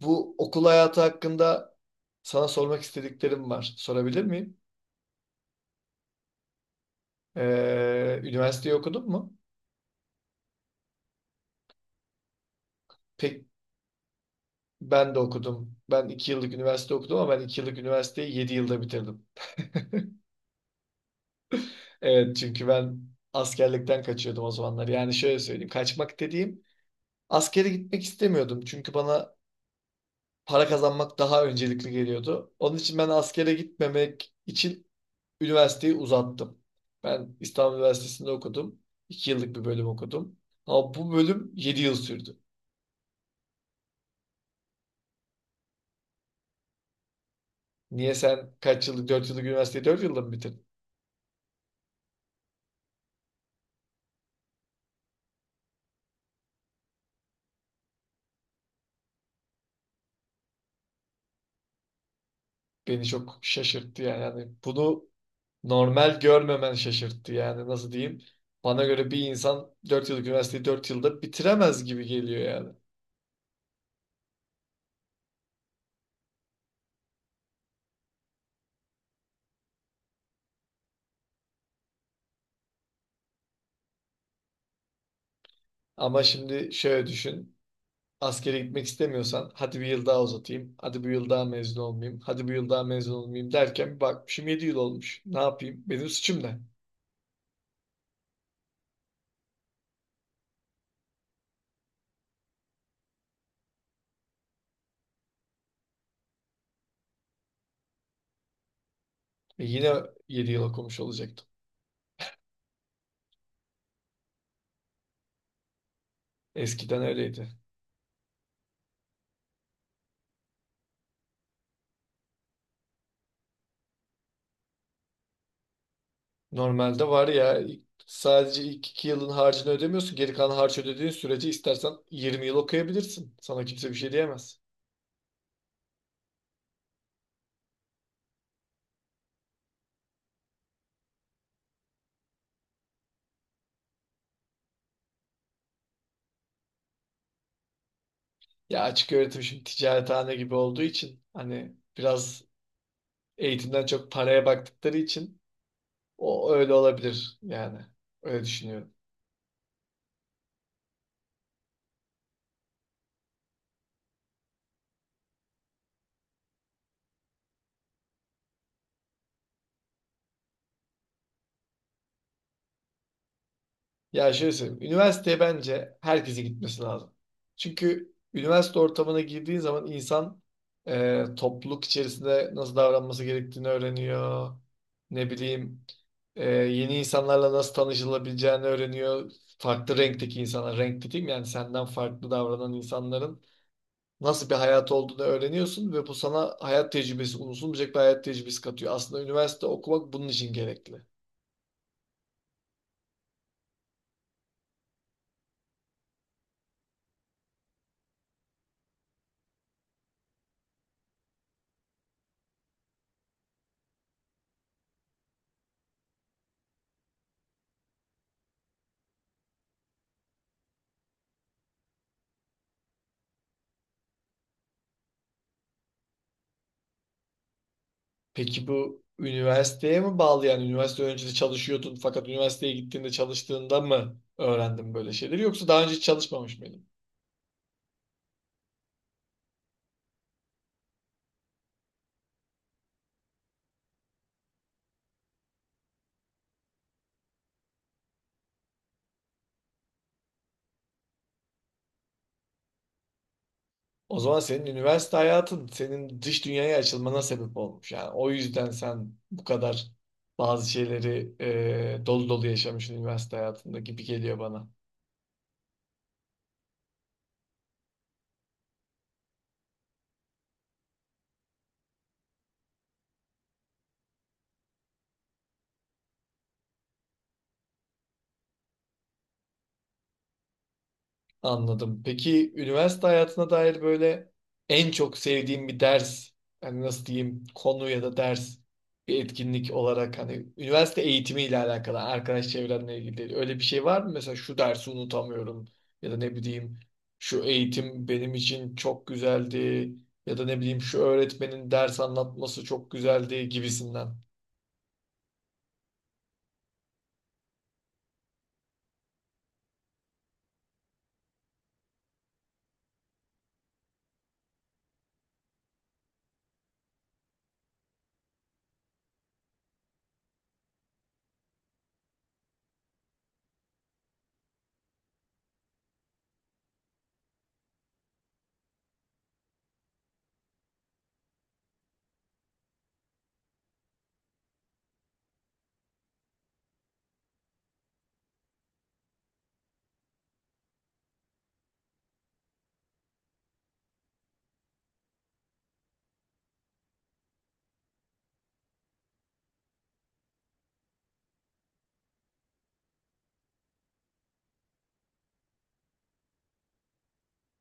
Bu okul hayatı hakkında sana sormak istediklerim var. Sorabilir miyim? Üniversiteyi okudun mu? Pek Ben de okudum. Ben 2 yıllık üniversite okudum ama ben 2 yıllık üniversiteyi 7 yılda bitirdim. Evet, çünkü ben askerlikten kaçıyordum o zamanlar. Yani şöyle söyleyeyim. Kaçmak dediğim, askere gitmek istemiyordum. Çünkü bana para kazanmak daha öncelikli geliyordu. Onun için ben askere gitmemek için üniversiteyi uzattım. Ben İstanbul Üniversitesi'nde okudum. 2 yıllık bir bölüm okudum. Ama bu bölüm 7 yıl sürdü. Niye sen 4 yıllık üniversiteyi 4 yılda mı bitirdin? Beni çok şaşırttı yani. Yani bunu normal görmemen şaşırttı, yani nasıl diyeyim. Bana göre bir insan 4 yıllık üniversiteyi 4 yılda bitiremez gibi geliyor yani. Ama şimdi şöyle düşün. Askere gitmek istemiyorsan hadi bir yıl daha uzatayım. Hadi bir yıl daha mezun olmayayım. Hadi bir yıl daha mezun olmayayım derken bir bakmışım 7 yıl olmuş. Ne yapayım? Benim suçum ne? Yine 7 yıl okumuş olacaktım. Eskiden öyleydi. Normalde var ya sadece ilk 2 yılın harcını ödemiyorsun. Geri kalan harcı ödediğin sürece istersen 20 yıl okuyabilirsin. Sana kimse bir şey diyemez. Ya açık öğretim şimdi ticarethane gibi olduğu için hani biraz eğitimden çok paraya baktıkları için o öyle olabilir yani. Öyle düşünüyorum. Ya şöyle söyleyeyim. Üniversiteye bence herkese gitmesi lazım. Çünkü üniversite ortamına girdiği zaman insan topluluk içerisinde nasıl davranması gerektiğini öğreniyor. Ne bileyim, yeni insanlarla nasıl tanışılabileceğini öğreniyor. Farklı renkteki insanlar, renk dediğim yani senden farklı davranan insanların nasıl bir hayat olduğunu öğreniyorsun ve bu sana hayat tecrübesi, unutulmayacak bir hayat tecrübesi katıyor. Aslında üniversite okumak bunun için gerekli. Peki bu üniversiteye mi bağlı, yani üniversite öncesi çalışıyordun fakat üniversiteye gittiğinde çalıştığında mı öğrendin böyle şeyleri, yoksa daha önce hiç çalışmamış mıydın? O zaman senin üniversite hayatın senin dış dünyaya açılmana sebep olmuş, yani o yüzden sen bu kadar bazı şeyleri dolu dolu yaşamışsın üniversite hayatında gibi geliyor bana. Anladım. Peki üniversite hayatına dair böyle en çok sevdiğim bir ders, yani nasıl diyeyim, konu ya da ders, bir etkinlik olarak hani üniversite eğitimiyle alakalı, arkadaş çevrenle ilgili öyle bir şey var mı? Mesela şu dersi unutamıyorum ya da ne bileyim şu eğitim benim için çok güzeldi ya da ne bileyim şu öğretmenin ders anlatması çok güzeldi gibisinden.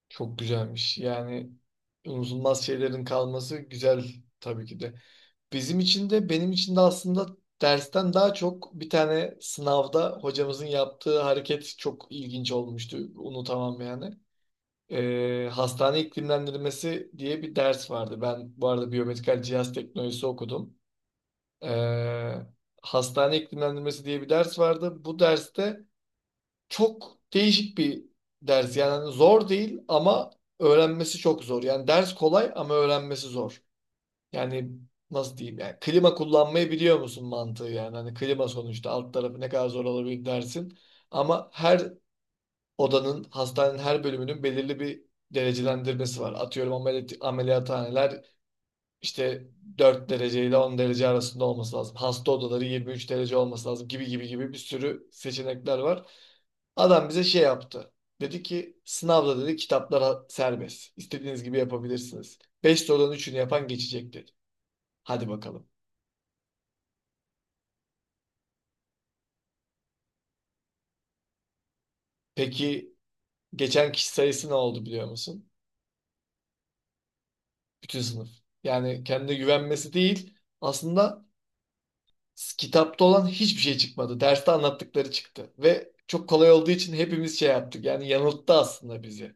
Çok güzelmiş. Yani unutulmaz şeylerin kalması güzel tabii ki de. Bizim için de benim için de aslında dersten daha çok bir tane sınavda hocamızın yaptığı hareket çok ilginç olmuştu. Unutamam yani. Hastane iklimlendirmesi diye bir ders vardı. Ben bu arada biyomedikal cihaz teknolojisi okudum. Ee, Hastane iklimlendirmesi diye bir ders vardı. Bu derste çok değişik bir ders. Yani zor değil ama öğrenmesi çok zor. Yani ders kolay ama öğrenmesi zor. Yani nasıl diyeyim, yani klima kullanmayı biliyor musun mantığı yani. Hani klima sonuçta alt tarafı ne kadar zor olabilir dersin. Ama her odanın, hastanenin her bölümünün belirli bir derecelendirmesi var. Atıyorum ameliyathaneler işte 4 derece ile 10 derece arasında olması lazım. Hasta odaları 23 derece olması lazım gibi gibi gibi, bir sürü seçenekler var. Adam bize şey yaptı. Dedi ki sınavda, dedi, kitaplara serbest. İstediğiniz gibi yapabilirsiniz. 5 sorudan üçünü yapan geçecek dedi. Hadi bakalım. Peki geçen kişi sayısı ne oldu biliyor musun? Bütün sınıf. Yani kendine güvenmesi değil. Aslında kitapta olan hiçbir şey çıkmadı. Derste anlattıkları çıktı. Ve çok kolay olduğu için hepimiz şey yaptık. Yani yanılttı aslında bizi.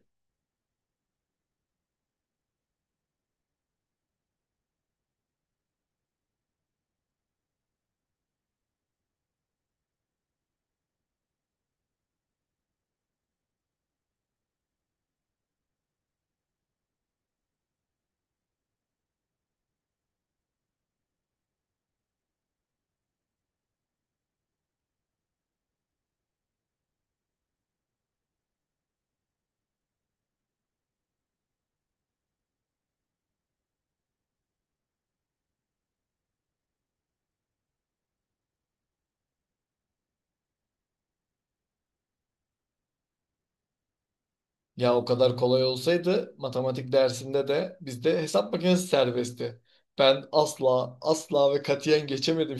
Ya o kadar kolay olsaydı matematik dersinde de bizde hesap makinesi serbestti. Ben asla asla ve katiyen geçemedim.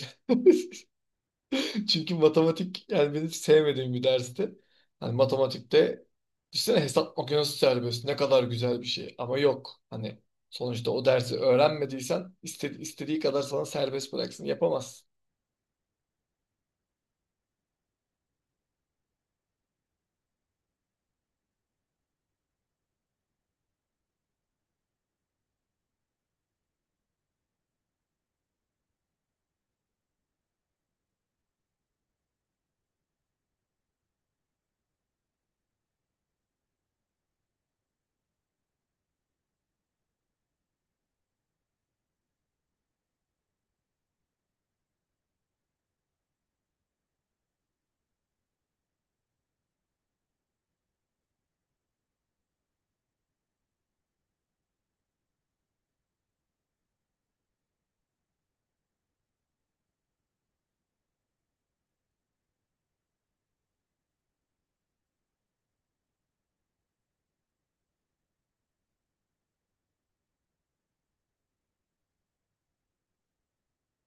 Çünkü matematik yani benim sevmediğim bir dersti. Hani matematikte düşünsene hesap makinesi serbest ne kadar güzel bir şey ama yok. Hani sonuçta o dersi öğrenmediysen istediği kadar sana serbest bıraksın yapamazsın.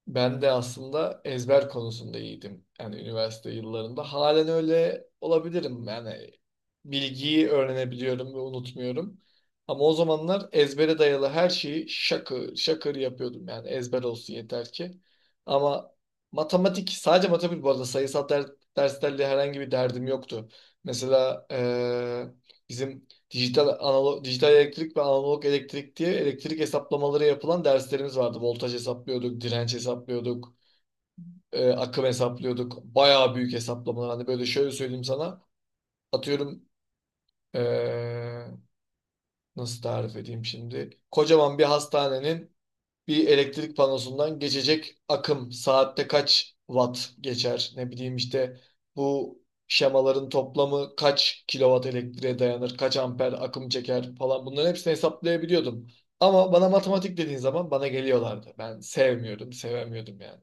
Ben de aslında ezber konusunda iyiydim. Yani üniversite yıllarında. Halen öyle olabilirim. Yani bilgiyi öğrenebiliyorum ve unutmuyorum. Ama o zamanlar ezbere dayalı her şeyi şakır şakır yapıyordum. Yani ezber olsun yeter ki. Ama matematik, sadece matematik bu arada sayısal derslerle herhangi bir derdim yoktu. Mesela bizim dijital, analog, dijital elektrik ve analog elektrik diye elektrik hesaplamaları yapılan derslerimiz vardı. Voltaj hesaplıyorduk, direnç hesaplıyorduk, akım hesaplıyorduk. Bayağı büyük hesaplamalar. Hani böyle şöyle söyleyeyim sana. Atıyorum, e, nasıl tarif edeyim şimdi? Kocaman bir hastanenin bir elektrik panosundan geçecek akım saatte kaç watt geçer? Ne bileyim işte bu şemaların toplamı kaç kilowatt elektriğe dayanır, kaç amper akım çeker falan, bunların hepsini hesaplayabiliyordum. Ama bana matematik dediğin zaman bana geliyorlardı. Ben sevmiyordum, sevemiyordum yani.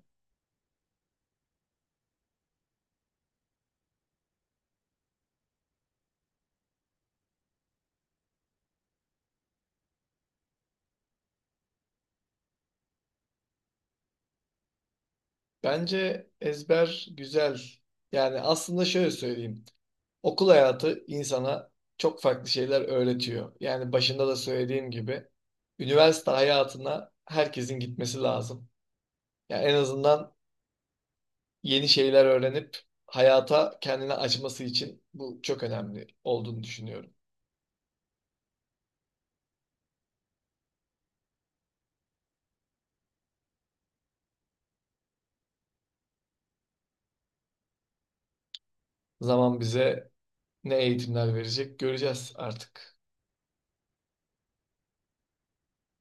Bence ezber güzel. Yani aslında şöyle söyleyeyim. Okul hayatı insana çok farklı şeyler öğretiyor. Yani başında da söylediğim gibi üniversite hayatına herkesin gitmesi lazım. Yani en azından yeni şeyler öğrenip hayata kendini açması için bu çok önemli olduğunu düşünüyorum. Zaman bize ne eğitimler verecek göreceğiz artık.